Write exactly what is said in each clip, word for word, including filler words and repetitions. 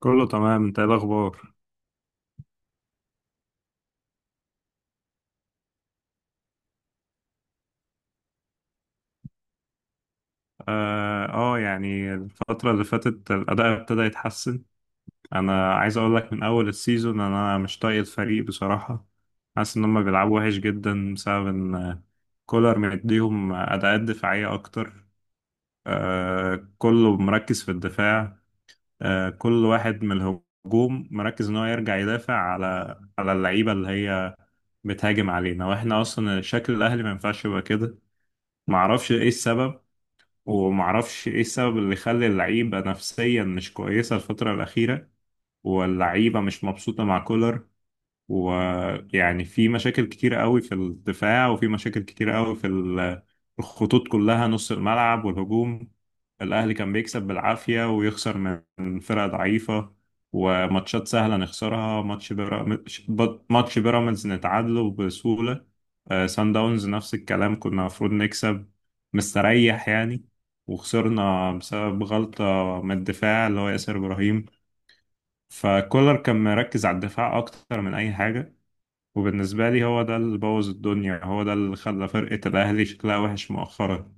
كله تمام، انت ايه الاخبار؟ اه آه، يعني الفتره اللي فاتت الاداء ابتدى يتحسن. انا عايز اقول لك من اول السيزون انا مش طايق الفريق بصراحه. حاسس ان هم بيلعبوا وحش جدا بسبب ان آه، كولر مديهم اداءات دفاعيه اكتر. آه كله مركز في الدفاع. آه كل واحد من الهجوم مركز ان هو يرجع يدافع على على اللعيبه اللي هي بتهاجم علينا. واحنا اصلا شكل الاهلي ما ينفعش يبقى كده. معرفش ايه السبب ومعرفش ايه السبب اللي خلى اللعيبة نفسيا مش كويسة الفترة الأخيرة. واللعيبة مش مبسوطة مع كولر. ويعني في مشاكل كتيرة قوي في الدفاع، وفي مشاكل كتيرة قوي في ال- الخطوط كلها، نص الملعب والهجوم. الأهلي كان بيكسب بالعافية ويخسر من فرقة ضعيفة. وماتشات سهلة نخسرها. ماتش بيراميدز ماتش بيراميدز نتعادله بسهولة. آه، سان داونز نفس الكلام، كنا المفروض نكسب. مستريح يعني، وخسرنا بسبب غلطة من الدفاع اللي هو ياسر إبراهيم. فكولر كان مركز على الدفاع أكتر من أي حاجة. وبالنسبة لي هو ده اللي بوظ الدنيا، هو ده اللي خلى فرقة الأهلي شكلها وحش مؤخرا.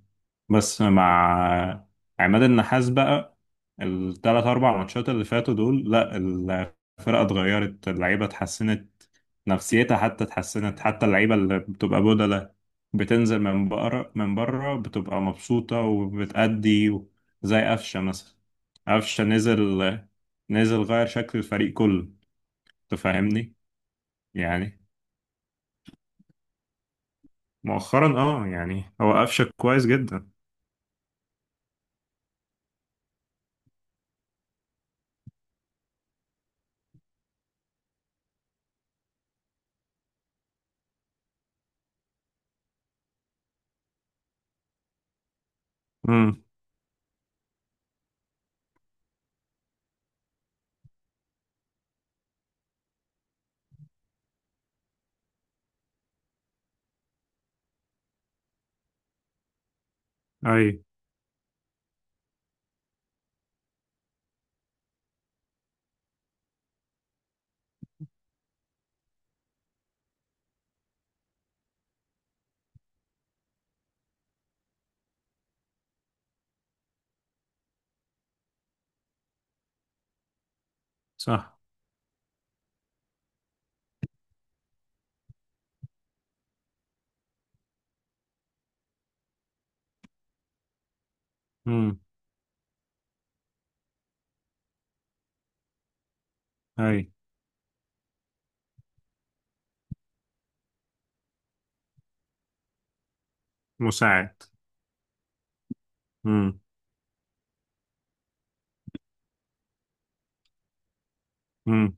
بس مع عماد النحاس بقى، التلات أربع ماتشات اللي فاتوا دول، لا، الفرقة اتغيرت، اللعيبة اتحسنت. نفسيتها حتى اتحسنت، حتى اللعيبة اللي بتبقى بدلة بتنزل من بره من بره بتبقى مبسوطة وبتأدي. زي قفشة مثلا. قفشة نزل، نزل غير شكل الفريق كله. تفهمني؟ يعني مؤخرا اه يعني هو قفشك كويس جدا. امم. اي. صح. امم. اي. مساعد. امم. امم.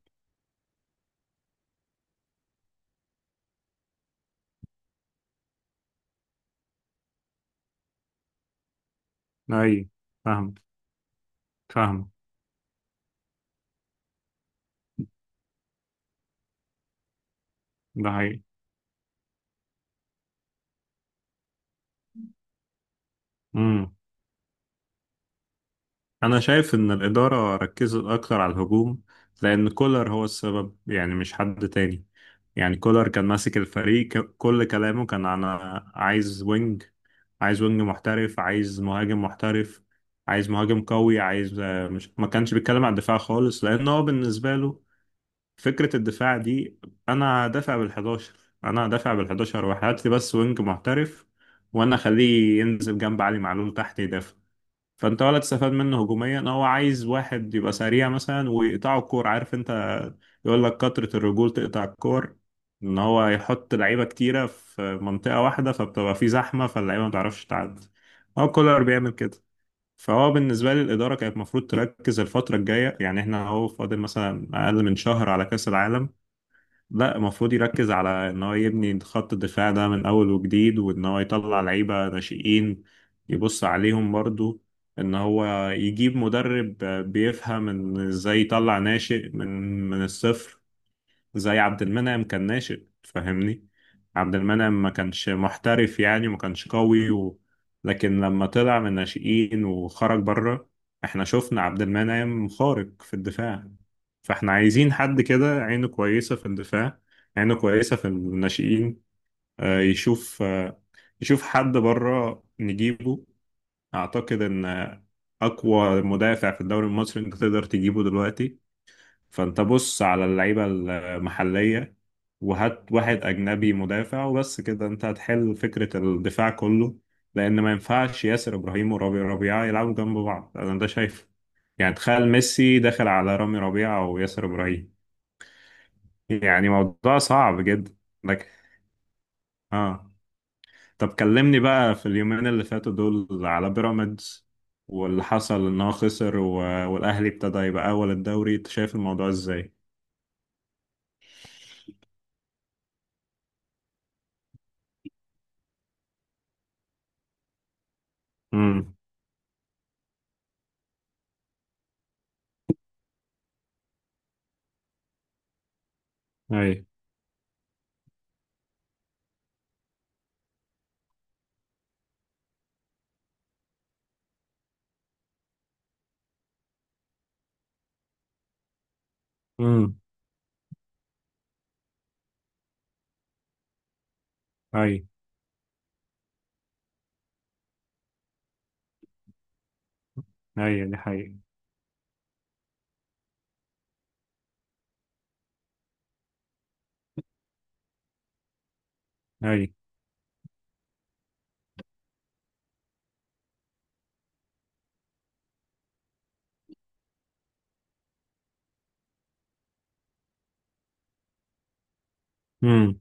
اي. فاهم. فاهم. ده حقيقي. امم. انا شايف ان الاداره ركزت اكتر على الهجوم، لان كولر هو السبب، يعني مش حد تاني. يعني كولر كان ماسك الفريق، ك- كل كلامه كان: انا عايز وينج عايز وينج محترف، عايز مهاجم محترف، عايز مهاجم قوي، عايز آه، مش، ما كانش بيتكلم على الدفاع خالص، لان هو بالنسبه له فكرة الدفاع دي: أنا دافع بالحداشر أنا دافع بالحداشر وهات لي بس وينج محترف، وأنا أخليه ينزل جنب علي معلول تحت يدافع. فأنت ولا تستفاد منه هجوميا. هو عايز واحد يبقى سريع مثلا ويقطعه الكور، عارف أنت؟ يقول لك كترة الرجول تقطع الكور، إن هو يحط لعيبة كتيرة في منطقة واحدة فبتبقى في زحمة فاللعيبة ما تعرفش تعدي. هو كولر بيعمل كده. فهو بالنسبة لي الإدارة كانت المفروض تركز الفترة الجاية، يعني إحنا أهو فاضل مثلا أقل من شهر على كأس العالم. لا، المفروض يركز على ان هو يبني خط الدفاع ده من اول وجديد، وان هو يطلع لعيبه ناشئين، يبص عليهم برضو. ان هو يجيب مدرب بيفهم ان ازاي يطلع ناشئ من من الصفر. زي عبد المنعم كان ناشئ، فاهمني؟ عبد المنعم ما كانش محترف، يعني ما كانش قوي و... لكن لما طلع من الناشئين وخرج بره، احنا شفنا عبد المنعم خارق في الدفاع. فاحنا عايزين حد كده عينه كويسة في الدفاع، عينه كويسة في الناشئين. آه، يشوف آه، يشوف حد بره نجيبه. اعتقد ان آه، اقوى مدافع في الدوري المصري انت تقدر تجيبه دلوقتي. فانت بص على اللعيبة المحلية، وهات واحد أجنبي مدافع وبس كده انت هتحل فكرة الدفاع كله. لأن ما ينفعش ياسر إبراهيم ورامي ربيعة يلعبوا جنب بعض، أنا ده شايفه. يعني تخيل ميسي داخل على رامي ربيعة أو ياسر إبراهيم. يعني موضوع صعب جدا. لك. اه. طب كلمني بقى في اليومين اللي فاتوا دول على بيراميدز، واللي حصل إن هو خسر و... والأهلي ابتدى يبقى أول الدوري، أنت شايف الموضوع إزاي؟ امم. اي. اي. اي، دي حقيقة. اي. امم.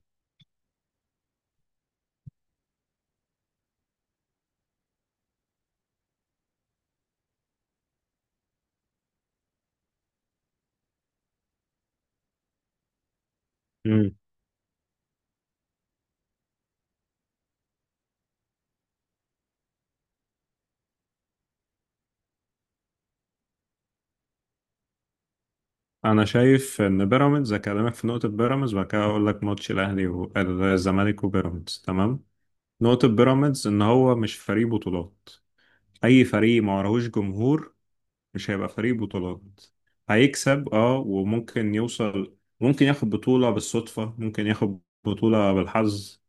امم. انا شايف ان بيراميدز اكلمك في نقطة بيراميدز وبعد كده اقول لك ماتش الاهلي والزمالك وبيراميدز، تمام؟ نقطة بيراميدز ان هو مش فريق بطولات. اي فريق ما وراهوش جمهور مش هيبقى فريق بطولات. هيكسب، اه وممكن يوصل، ممكن ياخد بطولة بالصدفة، ممكن ياخد بطولة بالحظ،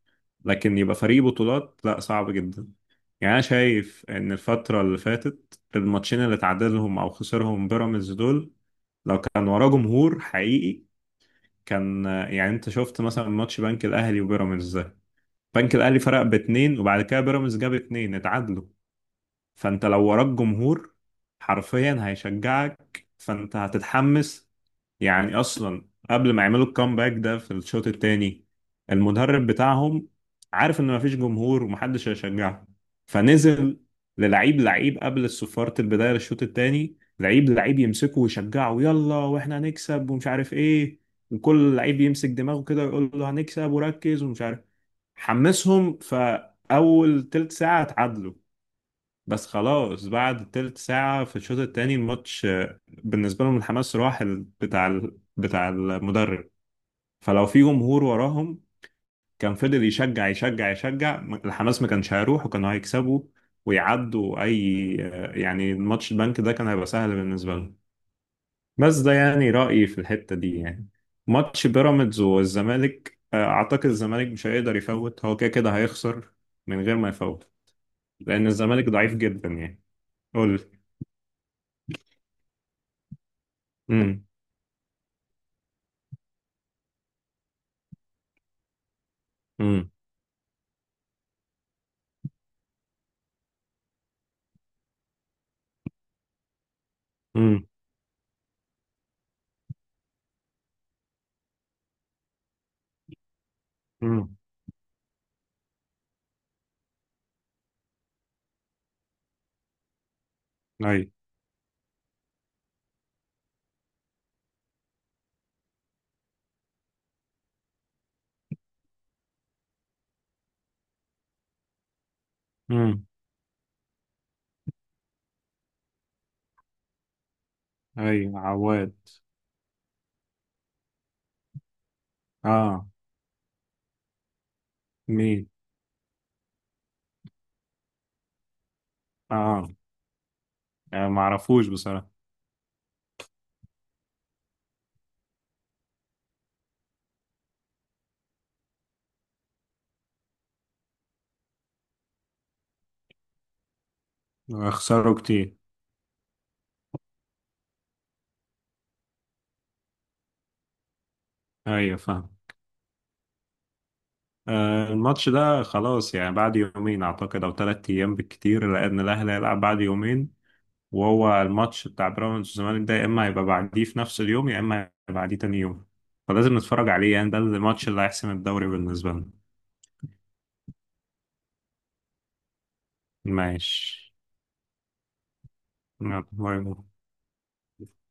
لكن يبقى فريق بطولات، لا، صعب جدا. يعني انا شايف ان الفتره اللي فاتت الماتشين اللي تعادلهم او خسرهم بيراميدز دول، لو كان وراه جمهور حقيقي، كان يعني انت شفت مثلا ماتش بنك الاهلي وبيراميدز ده. بنك الاهلي فرق باتنين وبعد كده بيراميدز جاب اتنين، اتعادلوا. فانت لو وراك جمهور حرفيا هيشجعك، فانت هتتحمس. يعني اصلا قبل ما يعملوا الكامباك ده في الشوط الثاني، المدرب بتاعهم عارف ان مفيش جمهور ومحدش هيشجعهم، فنزل للعيب لعيب قبل صفارة البداية للشوط الثاني، لعيب لعيب يمسكه ويشجعه، يلا واحنا هنكسب ومش عارف ايه، وكل لعيب يمسك دماغه كده ويقول له هنكسب وركز ومش عارف. حمسهم فأول تلت ساعة اتعادلوا. بس خلاص بعد تلت ساعة في الشوط الثاني الماتش بالنسبة لهم الحماس راح ال- بتاع ال- بتاع المدرب. فلو في جمهور وراهم كان فضل يشجع يشجع يشجع، م- الحماس ما كانش هيروح وكانوا هيكسبوا ويعدوا أي. يعني الماتش البنك ده كان هيبقى سهل بالنسبة لهم. بس ده يعني رأيي في الحتة دي يعني. ماتش بيراميدز والزمالك، آه، أعتقد الزمالك مش هيقدر يفوت، هو كده كده هيخسر من غير ما يفوت. لأن الزمالك ضعيف جدا يعني. قول. امم. امم. امم. امم. اي. امم. اي، عواد. اه. مين؟ اه آه، معرفوش بصراحة. خسروا كتير. ايوه، فاهم. آه الماتش ده خلاص يعني بعد يومين اعتقد او ثلاث ايام بالكتير، لان الاهلي هيلعب بعد يومين. وهو الماتش بتاع بيراميدز والزمالك ده يا اما هيبقى بعديه في نفس اليوم يا اما هيبقى بعديه تاني يوم. فلازم نتفرج عليه، يعني ده الماتش اللي هيحسم الدوري بالنسبة لنا. ماشي. يلا، باي باي.